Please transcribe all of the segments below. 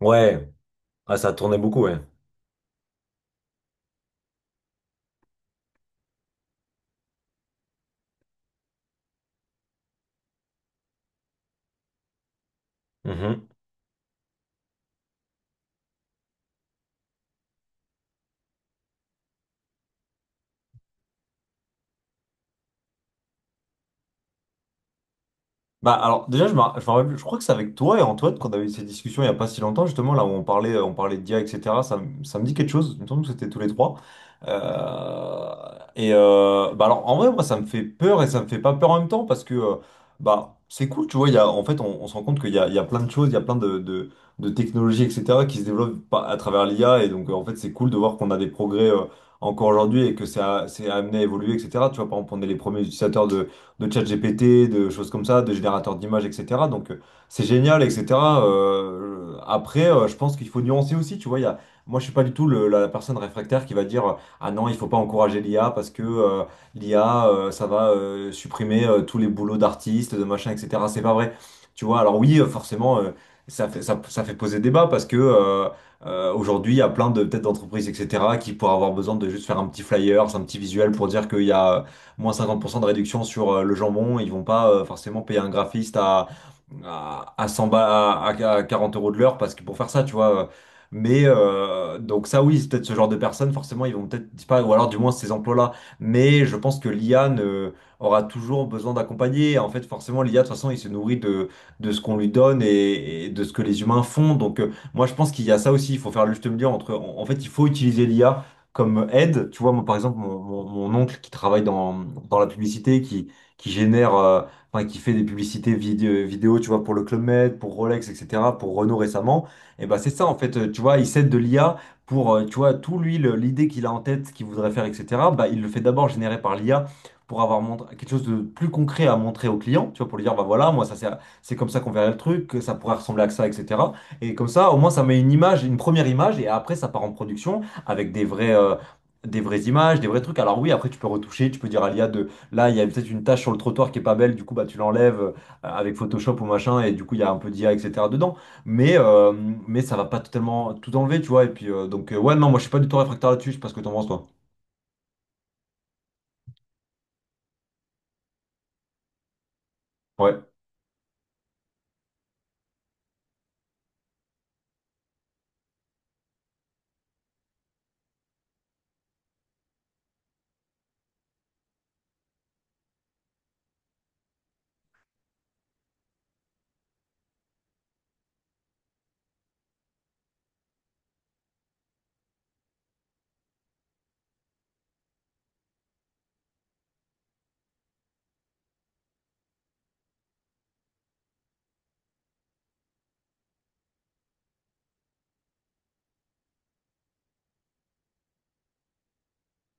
Ouais, ah, ça tournait beaucoup, ouais. Mhm. Bah alors déjà je, me ra- je, me rappelle- je crois que c'est avec toi et Antoine qu'on avait eu cette discussion il n'y a pas si longtemps, justement, là où on parlait de d'IA etc. Ça me dit quelque chose, il me semble que c'était tous les trois. Euh, et bah alors en vrai, moi, ça me fait peur et ça me fait pas peur en même temps, parce que bah c'est cool, tu vois, en fait on se rend compte qu'il y a plein de choses, il y a plein de technologies etc. qui se développent à travers l'IA. Et donc en fait c'est cool de voir qu'on a des progrès encore aujourd'hui, et que ça c'est amené à évoluer, etc. Tu vois, par exemple, on est les premiers utilisateurs de ChatGPT, de choses comme ça, de générateurs d'images, etc. Donc c'est génial, etc. Après, je pense qu'il faut nuancer aussi, tu vois, moi je suis pas du tout la personne réfractaire qui va dire, ah non, il faut pas encourager l'IA parce que l'IA, ça va supprimer tous les boulots d'artistes, de machin, etc. C'est pas vrai. Tu vois, alors oui, forcément, ça fait poser débat parce que aujourd'hui, il y a plein de peut-être d'entreprises, etc., qui pourraient avoir besoin de juste faire un petit flyer, un petit visuel pour dire qu'il y a moins 50% de réduction sur le jambon. Ils vont pas forcément payer un graphiste à, à, à 100 ba- à, à- à 40 € de l'heure parce que pour faire ça, tu vois. Mais donc ça, oui, c'est peut-être ce genre de personnes, forcément, ils vont peut-être pas, ou alors du moins ces emplois-là. Mais je pense que l'IA aura toujours besoin d'accompagner. En fait, forcément, l'IA, de toute façon, il se nourrit de ce qu'on lui donne, et de ce que les humains font. Donc moi, je pense qu'il y a ça aussi. Il faut faire le juste milieu entre. En fait, il faut utiliser l'IA comme aide. Tu vois, moi, par exemple, mon oncle qui travaille dans la publicité, qui génère, enfin, qui fait des publicités vidéo, tu vois, pour le Club Med, pour Rolex, etc., pour Renault récemment, et ben c'est ça, en fait, tu vois, il s'aide de l'IA pour, tu vois, l'idée qu'il a en tête, ce qu'il voudrait faire, etc., bah, il le fait d'abord générer par l'IA, pour avoir quelque chose de plus concret à montrer au client, tu vois, pour lui dire, bah voilà, moi, ça, c'est comme ça qu'on verrait le truc, que ça pourrait ressembler à ça, etc. Et comme ça, au moins, ça met une image, une première image, et après, ça part en production avec des vraies images, des vrais trucs. Alors oui, après tu peux retoucher, tu peux dire à l'IA de là, il y a peut-être une tache sur le trottoir qui est pas belle, du coup bah tu l'enlèves avec Photoshop ou machin, et du coup il y a un peu d'IA etc. dedans. Mais euh, mais ça va pas totalement tout enlever, tu vois. Et puis donc ouais non, moi je suis pas du tout réfractaire là-dessus, je sais pas ce que t'en penses toi. Ouais.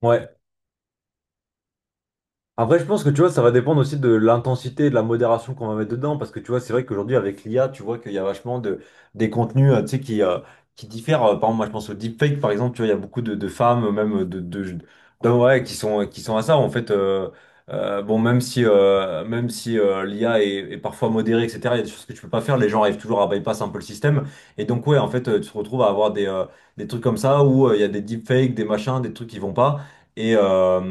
Ouais. Après, je pense que tu vois, ça va dépendre aussi de l'intensité et de la modération qu'on va mettre dedans. Parce que tu vois, c'est vrai qu'aujourd'hui, avec l'IA, tu vois qu'il y a des contenus tu sais, qui diffèrent. Par exemple, moi, je pense au deepfake, par exemple, tu vois, il y a beaucoup de femmes, même d'hommes, ouais, qui sont à ça. En fait, bon, même si l'IA est parfois modérée, etc., il y a des choses que tu peux pas faire. Les gens arrivent toujours à bypass un peu le système. Et donc, ouais, en fait, tu te retrouves à avoir des trucs comme ça où il y a des deepfakes, des machins, des trucs qui vont pas. Et, euh,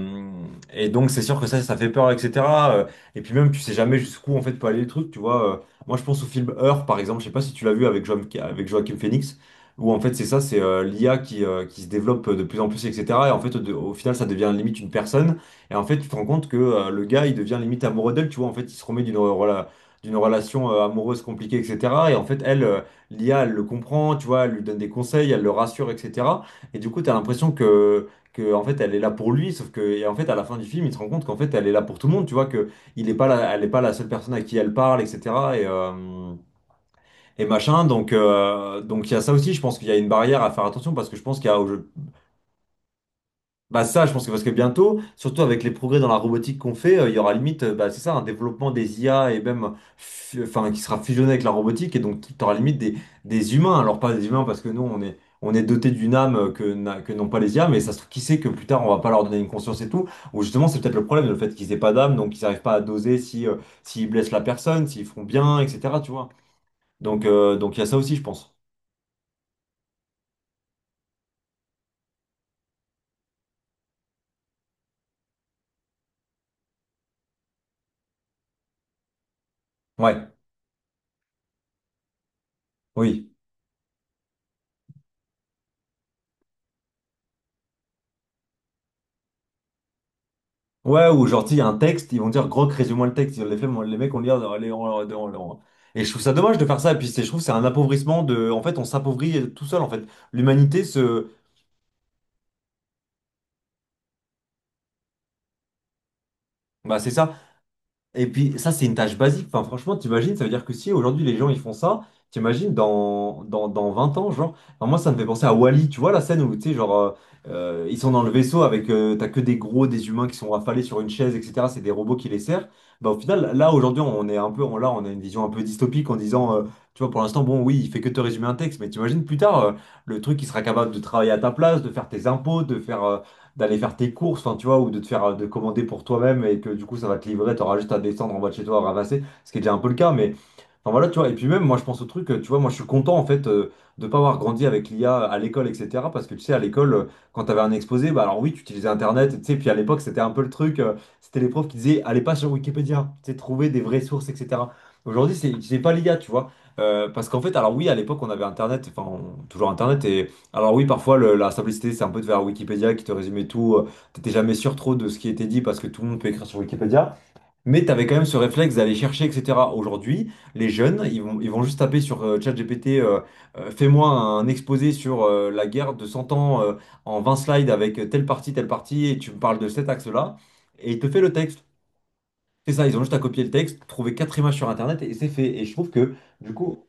et donc, c'est sûr que ça fait peur, etc. Euh, Et puis même, tu sais jamais jusqu'où, en fait, peut aller le truc, tu vois. Moi, je pense au film Her, par exemple, je sais pas si tu l'as vu avec Joaquin Phoenix, où, en fait, c'est ça, c'est l'IA qui se développe de plus en plus, etc. Et en fait, au final, ça devient limite une personne. Et en fait, tu te rends compte que le gars, il devient limite amoureux d'elle, tu vois. En fait, il se remet d'une d'une relation amoureuse compliquée, etc. Et en fait, elle, l'IA, elle le comprend, tu vois, elle lui donne des conseils, elle le rassure, etc. Et du coup, tu as l'impression que en fait elle est là pour lui, sauf que et en fait à la fin du film il se rend compte qu'en fait elle est là pour tout le monde, tu vois, que il est pas la- elle est pas la seule personne à qui elle parle, etc. et euh, et machin, donc donc il y a ça aussi, je pense qu'il y a une barrière à faire attention, parce que je pense qu'il y a bah ça, je pense que parce que bientôt, surtout avec les progrès dans la robotique qu'on fait, il y aura limite, bah, c'est ça, un développement des IA et même, enfin, qui sera fusionné avec la robotique, et donc tu auras limite des humains. Alors pas des humains parce que nous, on est doté d'une âme que n'ont pas les IA, mais ça se trouve, qui sait que plus tard, on va pas leur donner une conscience et tout. Ou justement, c'est peut-être le problème, le fait qu'ils aient pas d'âme, donc ils n'arrivent pas à doser si, s'ils blessent la personne, s'ils font bien, etc. Tu vois. Donc il y a ça aussi, je pense. Ouais, oui. Ouais, ou genre, tu sais, il y a un texte, ils vont dire, Grok, résume-moi le texte. Les, faits, moi, les mecs vont lire, allez, et je trouve ça dommage de faire ça. Et puis, je trouve que c'est un appauvrissement de. En fait, on s'appauvrit tout seul, en fait. L'humanité se. Bah, c'est ça. Et puis ça, c'est une tâche basique. Enfin, franchement, t'imagines, ça veut dire que si aujourd'hui les gens ils font ça, t'imagines dans 20 ans, genre. Enfin, moi, ça me fait penser à Wall e, tu vois la scène où, tu sais, genre, ils sont dans le vaisseau avec, t'as que des gros, des humains qui sont affalés sur une chaise, etc. C'est des robots qui les servent. Bah, au final, là, aujourd'hui, on a une vision un peu dystopique en disant, tu vois, pour l'instant, bon, oui, il fait que te résumer un texte, mais t'imagines plus tard, le truc, qui sera capable de travailler à ta place, de faire tes impôts, de faire, d'aller faire tes courses, enfin, tu vois, ou de te faire, de commander pour toi-même et que du coup, ça va te livrer, t'auras juste à descendre en bas de chez toi à ramasser, ce qui est déjà un peu le cas, mais enfin voilà, tu vois, et puis même moi je pense au truc, tu vois, moi je suis content en fait de pas avoir grandi avec l'IA à l'école, etc. Parce que tu sais, à l'école, quand t'avais un exposé, bah alors oui, tu utilisais Internet, tu sais, puis à l'époque c'était un peu le truc, c'était les profs qui disaient, allez pas sur Wikipédia, tu sais, trouver des vraies sources, etc. Aujourd'hui, c'est pas l'IA, tu vois. Parce qu'en fait, alors oui, à l'époque on avait Internet, enfin toujours Internet, et alors oui, parfois la simplicité c'est un peu de vers Wikipédia qui te résumait tout, t'étais jamais sûr trop de ce qui était dit parce que tout le monde peut écrire sur Wikipédia. Mais tu avais quand même ce réflexe d'aller chercher, etc. Aujourd'hui, les jeunes, ils vont juste taper sur ChatGPT, fais-moi un exposé sur la guerre de 100 ans en 20 slides avec telle partie, et tu me parles de cet axe-là, et il te fait le texte. C'est ça, ils ont juste à copier le texte, trouver quatre images sur Internet, et c'est fait. Et je trouve que, du coup,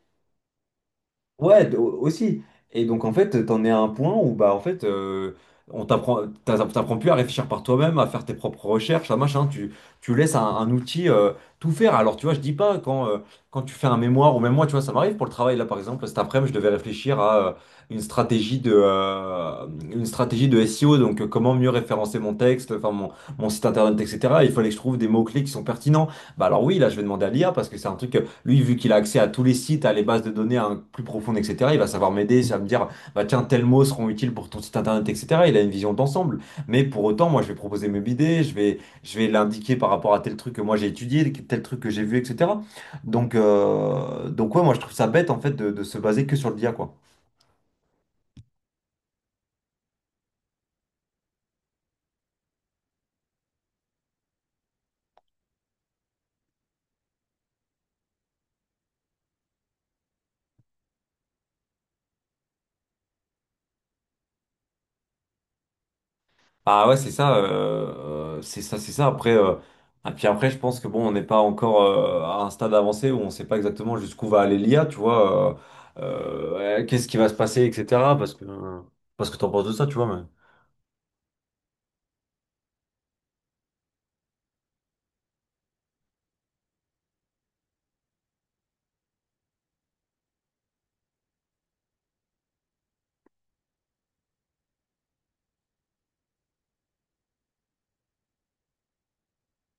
ouais, aussi. Et donc en fait, t'en es à un point où bah en fait, on t'apprends plus à réfléchir par toi-même, à faire tes propres recherches, à machin. Tu laisses un outil tout faire. Alors tu vois, je dis pas quand quand tu fais un mémoire ou même moi, tu vois, ça m'arrive pour le travail là par exemple. Cet après-midi, je devais réfléchir à une stratégie de SEO. Donc comment mieux référencer mon texte, mon site internet, etc. Il fallait que je trouve des mots-clés qui sont pertinents. Bah alors oui, là, je vais demander à l'IA parce que c'est un truc. Lui, vu qu'il a accès à tous les sites, à les bases de données hein, plus profondes, etc., il va savoir m'aider, ça va me dire, bah tiens, tels mots seront utiles pour ton site internet, etc. Il a une vision d'ensemble. Mais pour autant, moi, je vais proposer mes idées, je vais l'indiquer par rapport à tel truc que moi j'ai étudié, tel truc que j'ai vu, etc. Donc ouais, moi, je trouve ça bête, en fait, de se baser que sur le l'IA, quoi. Ah ouais, c'est ça, c'est ça, c'est ça. Après, ah, puis après, je pense que bon, on n'est pas encore à un stade avancé où on ne sait pas exactement jusqu'où va aller l'IA, tu vois, ouais, qu'est-ce qui va se passer, etc. Parce que, parce que t'en penses de ça, tu vois, mais.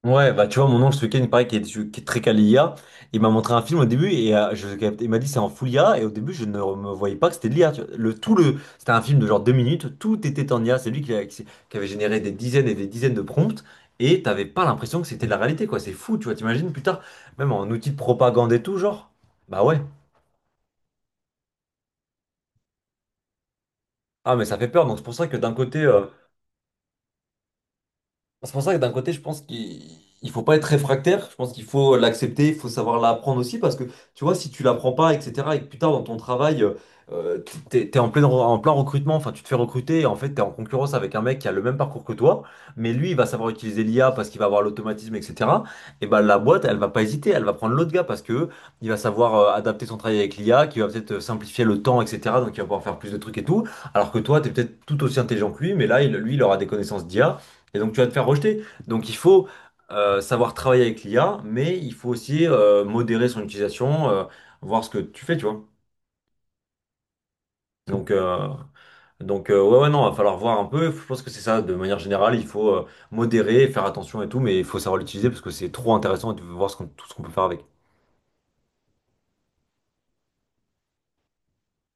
Ouais, bah tu vois, mon oncle ce week-end, il paraît qu'il est très calé IA. Il m'a montré un film au début et il m'a dit c'est en full IA. Et au début, je ne me voyais pas que c'était de l'IA, tu vois. C'était un film de genre 2 minutes, tout était en IA. C'est lui qui avait généré des dizaines et des dizaines de prompts et t'avais pas l'impression que c'était de la réalité, quoi. C'est fou, tu vois. T'imagines plus tard, même en outil de propagande et tout, genre, bah ouais. Ah, mais ça fait peur. Donc c'est pour ça que d'un côté. Euh, c'est pour ça que d'un côté, je pense qu'il il faut pas être réfractaire. Je pense qu'il faut l'accepter, il faut savoir l'apprendre aussi. Parce que, tu vois, si tu l'apprends pas, etc., et que plus tard dans ton travail, euh, t'es en plein recrutement, enfin, tu te fais recruter, et en fait, t'es en concurrence avec un mec qui a le même parcours que toi, mais lui, il va savoir utiliser l'IA parce qu'il va avoir l'automatisme, etc. Et ben, la boîte, elle va pas hésiter, elle va prendre l'autre gars parce que il va savoir adapter son travail avec l'IA, qui va peut-être simplifier le temps, etc. Donc, il va pouvoir faire plus de trucs et tout. Alors que toi, tu es peut-être tout aussi intelligent que lui, mais là, lui, il aura des connaissances d'IA. Et donc tu vas te faire rejeter. Donc il faut savoir travailler avec l'IA, mais il faut aussi modérer son utilisation, voir ce que tu fais, tu vois. Donc, euh, donc, non, va falloir voir un peu. Je pense que c'est ça, de manière générale, il faut modérer, faire attention et tout, mais il faut savoir l'utiliser parce que c'est trop intéressant de voir tout ce qu'on peut faire avec.